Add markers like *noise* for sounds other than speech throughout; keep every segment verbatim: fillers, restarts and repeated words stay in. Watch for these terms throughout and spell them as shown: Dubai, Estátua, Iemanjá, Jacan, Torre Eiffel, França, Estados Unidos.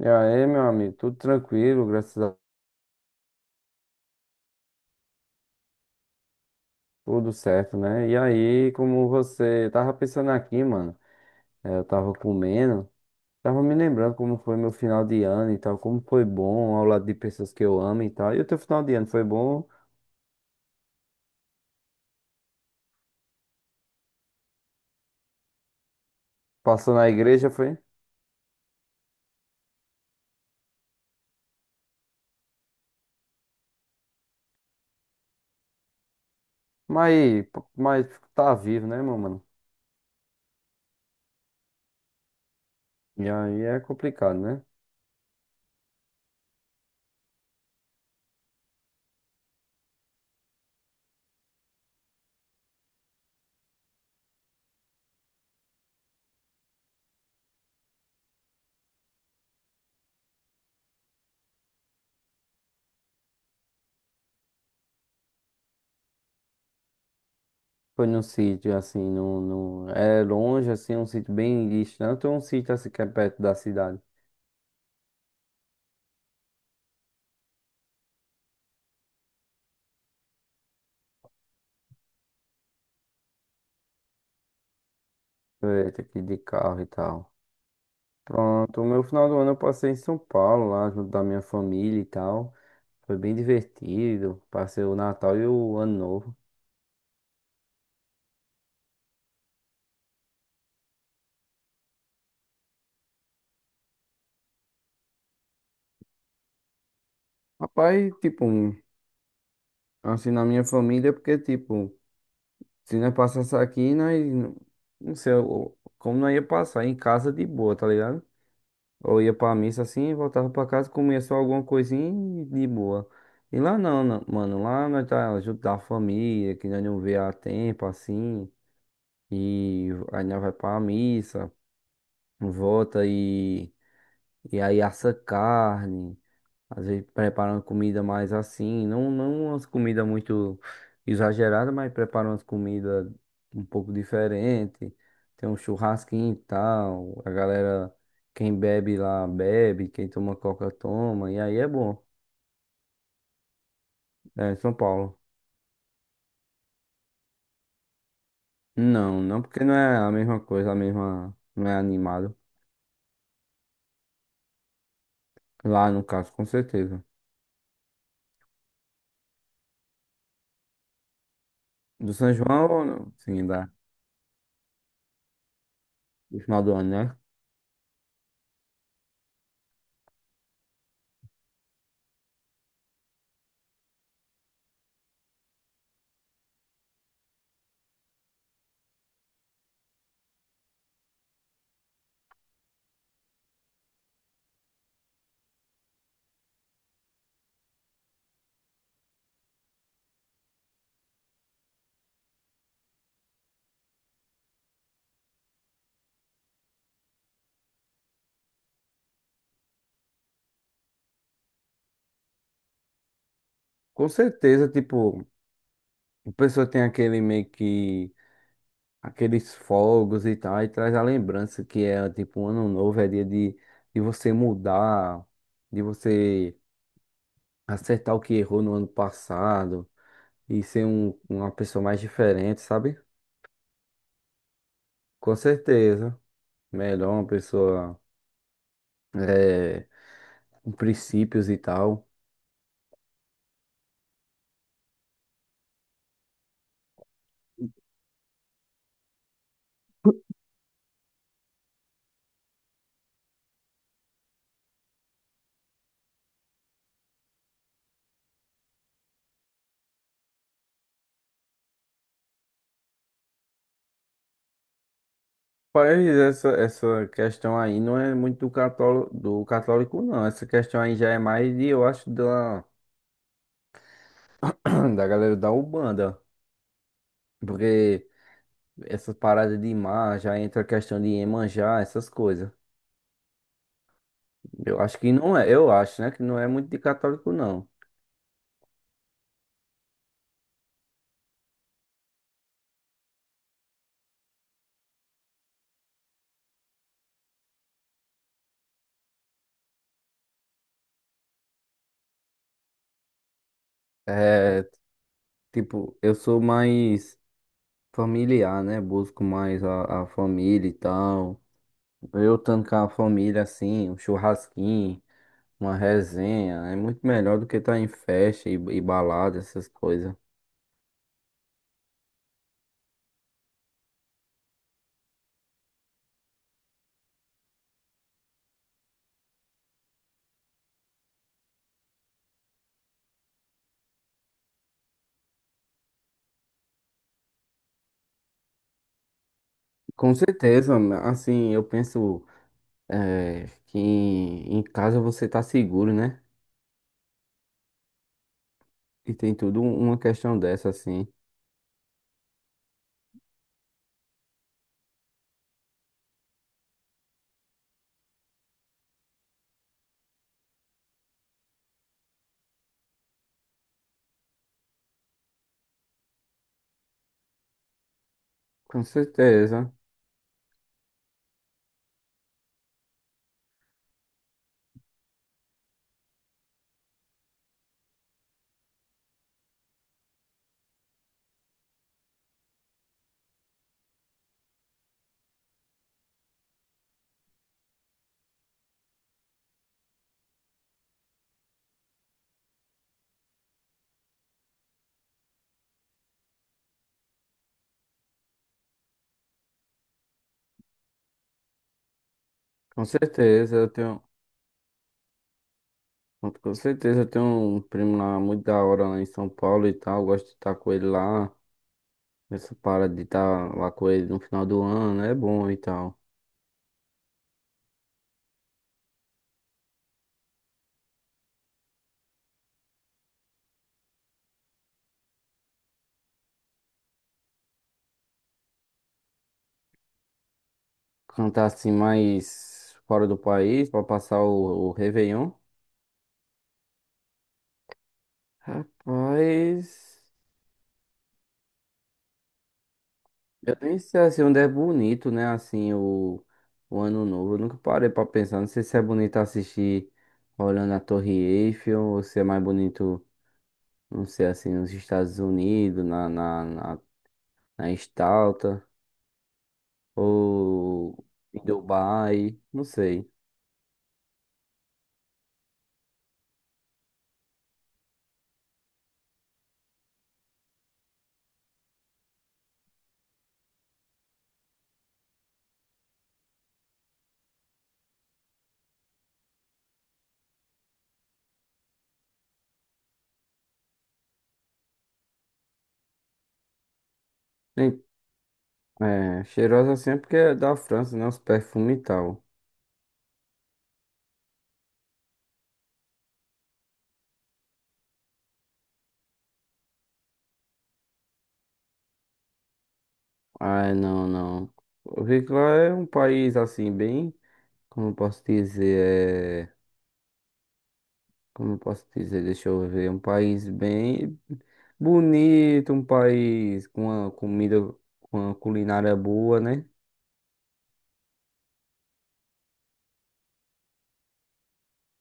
E aí, meu amigo, tudo tranquilo, graças a tudo certo, né? E aí, como você tava pensando aqui, mano, eh, eu tava comendo, tava me lembrando como foi meu final de ano e tal, como foi bom ao lado de pessoas que eu amo e tal. E o teu final de ano foi bom? Passou na igreja, foi? Mas, mas tá vivo, né, meu mano? E aí é complicado, né? Foi num sítio assim, num, num, é longe, assim, um sítio bem distante ou um sítio assim que é perto da cidade? Foi, tem que ir de carro e tal. Pronto, o meu final do ano eu passei em São Paulo, lá junto da minha família e tal. Foi bem divertido. Passei o Natal e o Ano Novo. Rapaz, tipo, um, assim, na minha família, porque, tipo, se nós passasse aqui, nós, não sei, eu- como nós ia passar em casa de boa, tá ligado? Ou ia pra missa assim, voltava pra casa, comia só alguma coisinha e de boa. E lá não, não, mano, lá nós tá junto da família, que nós não vê há tempo, assim, e aí nós vai pra missa, volta e, e aí assa carne, às vezes preparando comida mais assim, não, não umas comidas muito exageradas, mas preparando umas comidas um pouco diferente, tem um churrasquinho e tal, a galera, quem bebe lá bebe, quem toma coca toma, e aí é bom, é São Paulo. Não, não porque não é a mesma coisa, a mesma, não é animado, lá no caso, com certeza. Do São João, ou não? Sim, da, do final do ano, né? Com certeza, tipo, a pessoa tem aquele meio que aqueles fogos e tal, e traz a lembrança que é tipo um ano novo, é dia de, de você mudar, de você acertar o que errou no ano passado e ser um, uma pessoa mais diferente, sabe? Com certeza. Melhor uma pessoa é, com princípios e tal. Mas essa, essa questão aí não é muito do católico, do católico, não. Essa questão aí já é mais de, eu acho, da, *clears throat* da galera da Umbanda. Porque essas paradas de mar já entra a questão de Iemanjá, essas coisas. Eu acho que não é, eu acho, né? Que não é muito de católico, não. É, tipo, eu sou mais familiar, né? Busco mais a, a família e tal. Eu estando com a família, assim, um churrasquinho, uma resenha, é muito melhor do que estar em festa e, e balada, essas coisas. Com certeza, assim, eu penso, é, que em casa você tá seguro, né? E tem tudo um- uma questão dessa, assim. Com certeza, com certeza. Eu tenho, com certeza eu tenho um primo lá muito da hora lá em São Paulo e tal. Eu gosto de estar com ele lá. Essa parada de estar lá com ele no final do ano é bom e tal. Cantar assim mais fora do país pra passar o, o Réveillon. Rapaz. Eu nem sei assim onde é bonito, né? Assim, o, o Ano Novo. Eu nunca parei pra pensar. Não sei se é bonito assistir olhando a Torre Eiffel ou se é mais bonito, não sei, assim, nos Estados Unidos, na, na, na, na Estátua ou em Dubai. Não sei. Nem- É, cheirosa assim é porque é da França, né? Os perfumes e tal. Ah, não, não. Eu vi que lá é um país assim, bem, como eu posso dizer, é, como eu posso dizer, deixa eu ver, um país bem bonito, um país com uma comida, com uma culinária boa, né?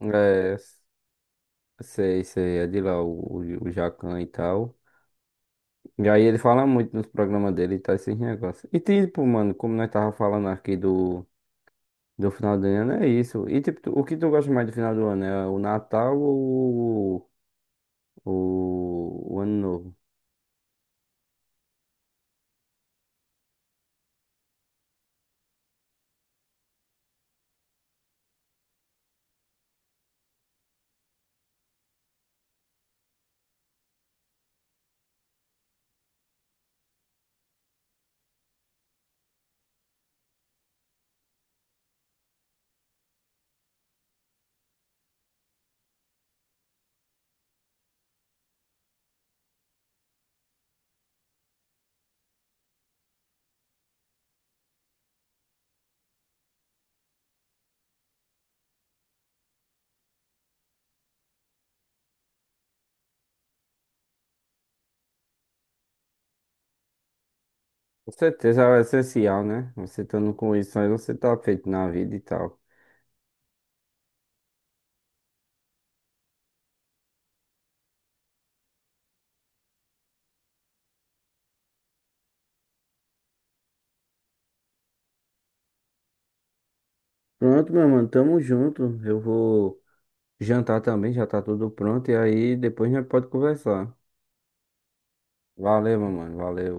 É, sei, sei, é de lá o, o, o Jacan e tal. E aí ele fala muito nos programas dele e tal, esses negócios. E tipo, mano, como nós tava falando aqui do, do final do ano, é isso. E tipo, tu- o que tu gosta mais do final do ano? É o Natal ou o, o Ano Novo? Com certeza é o essencial, né? Você estando com isso aí, você tá feito na vida e tal. Pronto, meu mano, tamo junto. Eu vou jantar também, já tá tudo pronto. E aí depois a gente pode conversar. Valeu, meu mano, valeu.